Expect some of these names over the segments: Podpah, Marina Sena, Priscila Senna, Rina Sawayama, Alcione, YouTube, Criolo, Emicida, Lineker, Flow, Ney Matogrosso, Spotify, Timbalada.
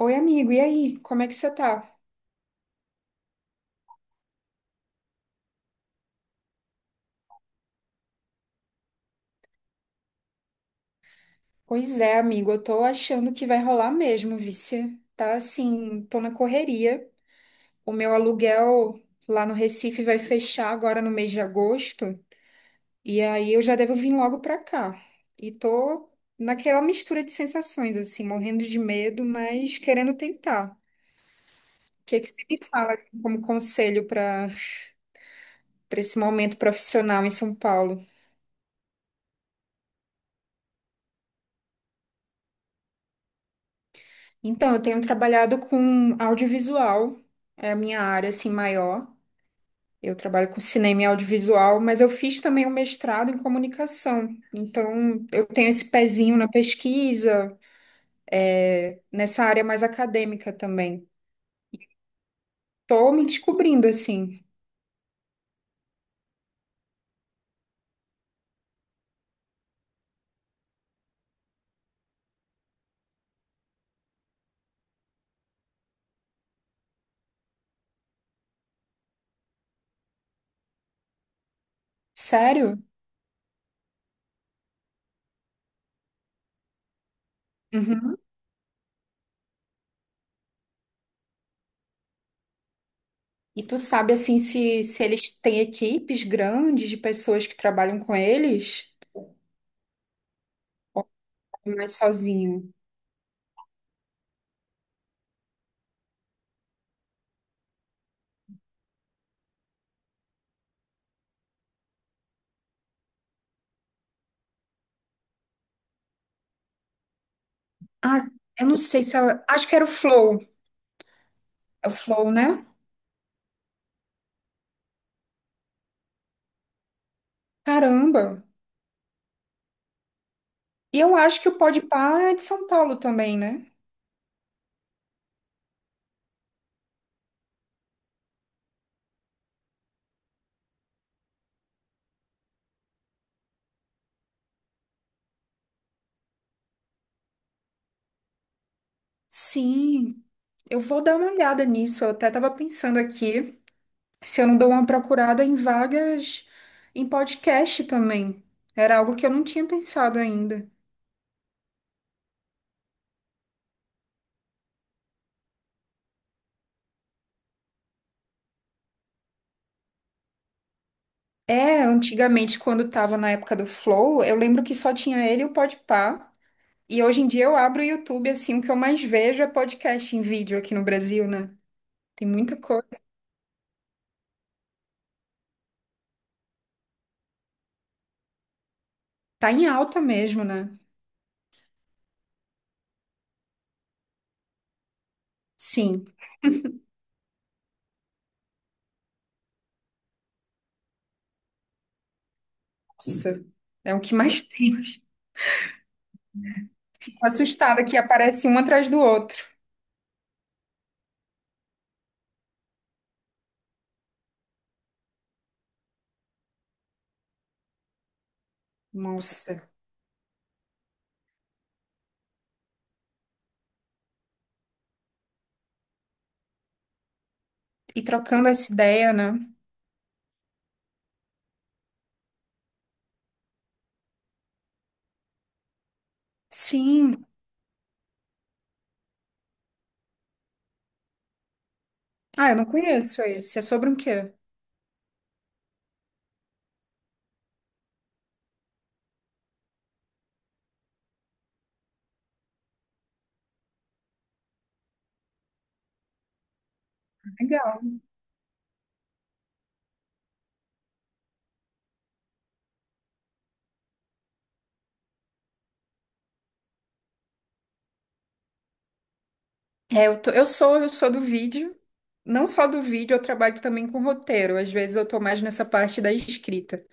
Oi, amigo, e aí? Como é que você tá? Pois é, amigo, eu tô achando que vai rolar mesmo, vice. Tá assim, tô na correria. O meu aluguel lá no Recife vai fechar agora no mês de agosto, e aí eu já devo vir logo pra cá. E tô naquela mistura de sensações, assim, morrendo de medo, mas querendo tentar. O que que você me fala assim, como conselho para esse momento profissional em São Paulo? Então, eu tenho trabalhado com audiovisual, é a minha área assim maior. Eu trabalho com cinema e audiovisual, mas eu fiz também um mestrado em comunicação. Então, eu tenho esse pezinho na pesquisa, nessa área mais acadêmica também. Tô me descobrindo assim. Sério? Uhum. E tu sabe assim se eles têm equipes grandes de pessoas que trabalham com eles? Ou é mais sozinho. Ah, eu não sei se é- acho que era o Flow. É o Flow, né? Caramba. E eu acho que o Podpah é de São Paulo também, né? Sim. Eu vou dar uma olhada nisso. Eu até estava pensando aqui se eu não dou uma procurada em vagas em podcast também. Era algo que eu não tinha pensado ainda. É, antigamente, quando estava na época do Flow, eu lembro que só tinha ele e o Podpah. E hoje em dia eu abro o YouTube, assim, o que eu mais vejo é podcast em vídeo aqui no Brasil, né? Tem muita coisa. Tá em alta mesmo, né? Sim. Nossa. É o que mais assustada que aparece um atrás do outro. Nossa. E trocando essa ideia, né? Sim. Ah, eu não conheço esse. É sobre um quê? Legal. É, eu sou do vídeo. Não só do vídeo, eu trabalho também com roteiro. Às vezes eu tô mais nessa parte da escrita.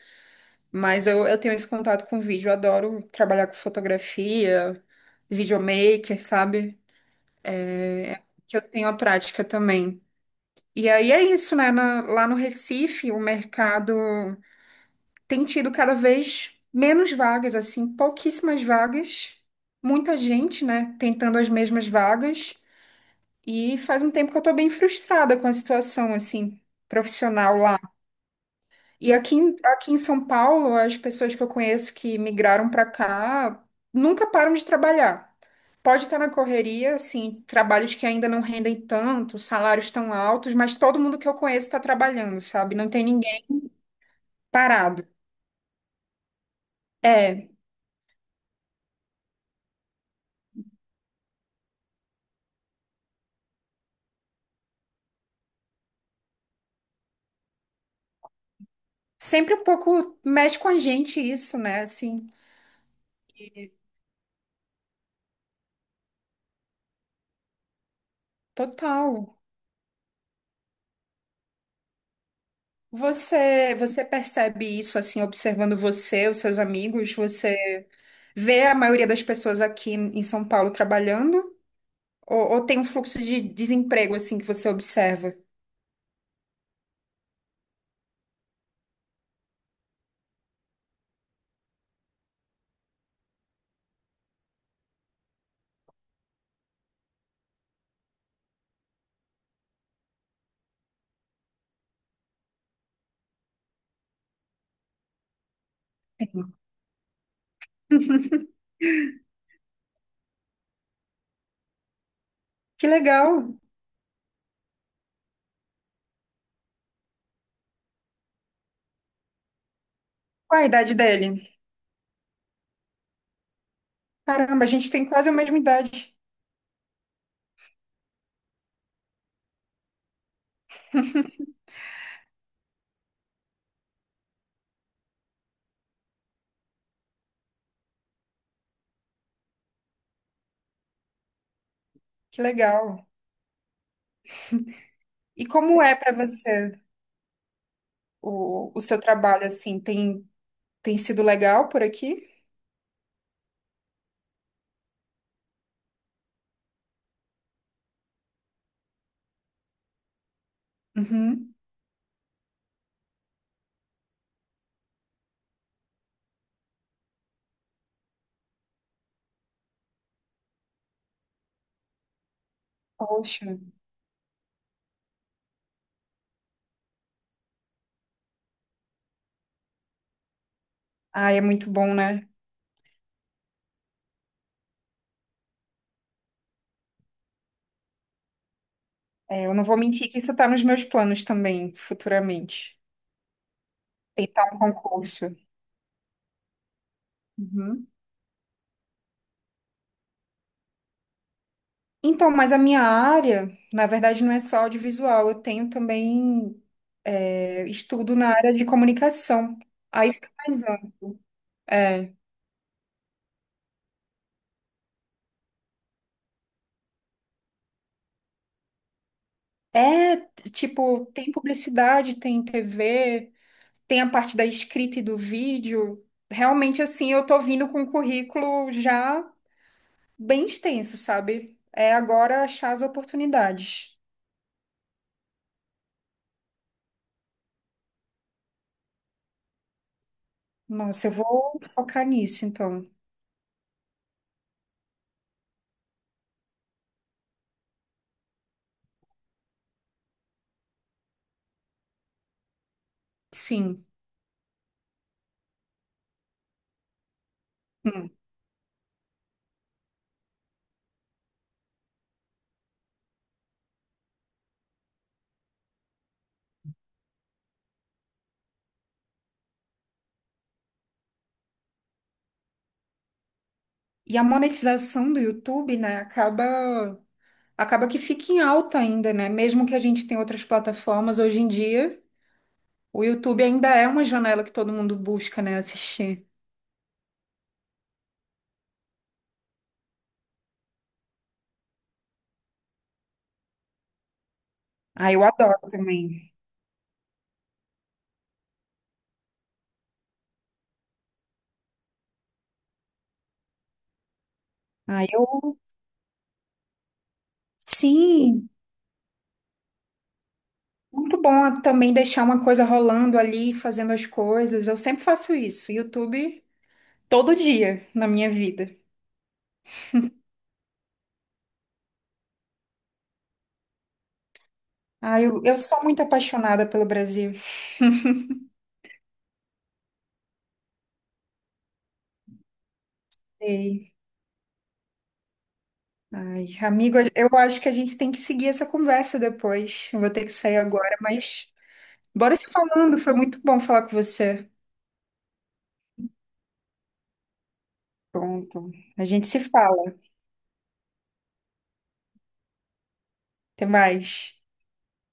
Mas eu tenho esse contato com vídeo. Eu adoro trabalhar com fotografia, videomaker, sabe? É, é que eu tenho a prática também. E aí é isso, né? Lá no Recife, o mercado tem tido cada vez menos vagas, assim, pouquíssimas vagas, muita gente, né, tentando as mesmas vagas, e faz um tempo que eu tô bem frustrada com a situação, assim, profissional lá. E aqui em São Paulo, as pessoas que eu conheço que migraram para cá nunca param de trabalhar. Pode estar na correria, assim, trabalhos que ainda não rendem tanto, salários tão altos, mas todo mundo que eu conheço está trabalhando, sabe? Não tem ninguém parado. É. Sempre um pouco mexe com a gente isso, né? Assim, total. Você percebe isso assim, observando você, os seus amigos? Você vê a maioria das pessoas aqui em São Paulo trabalhando? Ou tem um fluxo de desemprego assim que você observa? Que legal. Qual a idade dele? Caramba, a gente tem quase a mesma idade. Que legal. E como é para você o seu trabalho assim? Tem, tem sido legal por aqui? Uhum. Poxa. Ai, é muito bom, né? É, eu não vou mentir que isso tá nos meus planos também, futuramente. Tentar um concurso. Uhum. Então, mas a minha área, na verdade, não é só audiovisual. Eu tenho também estudo na área de comunicação. Aí fica mais amplo. É, é, tipo, tem publicidade, tem TV, tem a parte da escrita e do vídeo. Realmente, assim, eu tô vindo com um currículo já bem extenso, sabe? É agora achar as oportunidades. Nossa, eu vou focar nisso, então. Sim. Hum. E a monetização do YouTube, né, acaba que fica em alta ainda, né? Mesmo que a gente tenha outras plataformas hoje em dia, o YouTube ainda é uma janela que todo mundo busca, né, assistir. Ah, eu adoro também. Ah, eu Sim, muito bom também deixar uma coisa rolando ali, fazendo as coisas. Eu sempre faço isso. YouTube todo dia na minha vida. Ai, eu sou muito apaixonada pelo Brasil. Ei, ai, amigo, eu acho que a gente tem que seguir essa conversa depois. Eu vou ter que sair agora, mas bora se falando. Foi muito bom falar com você. Pronto. A gente se fala. Até mais.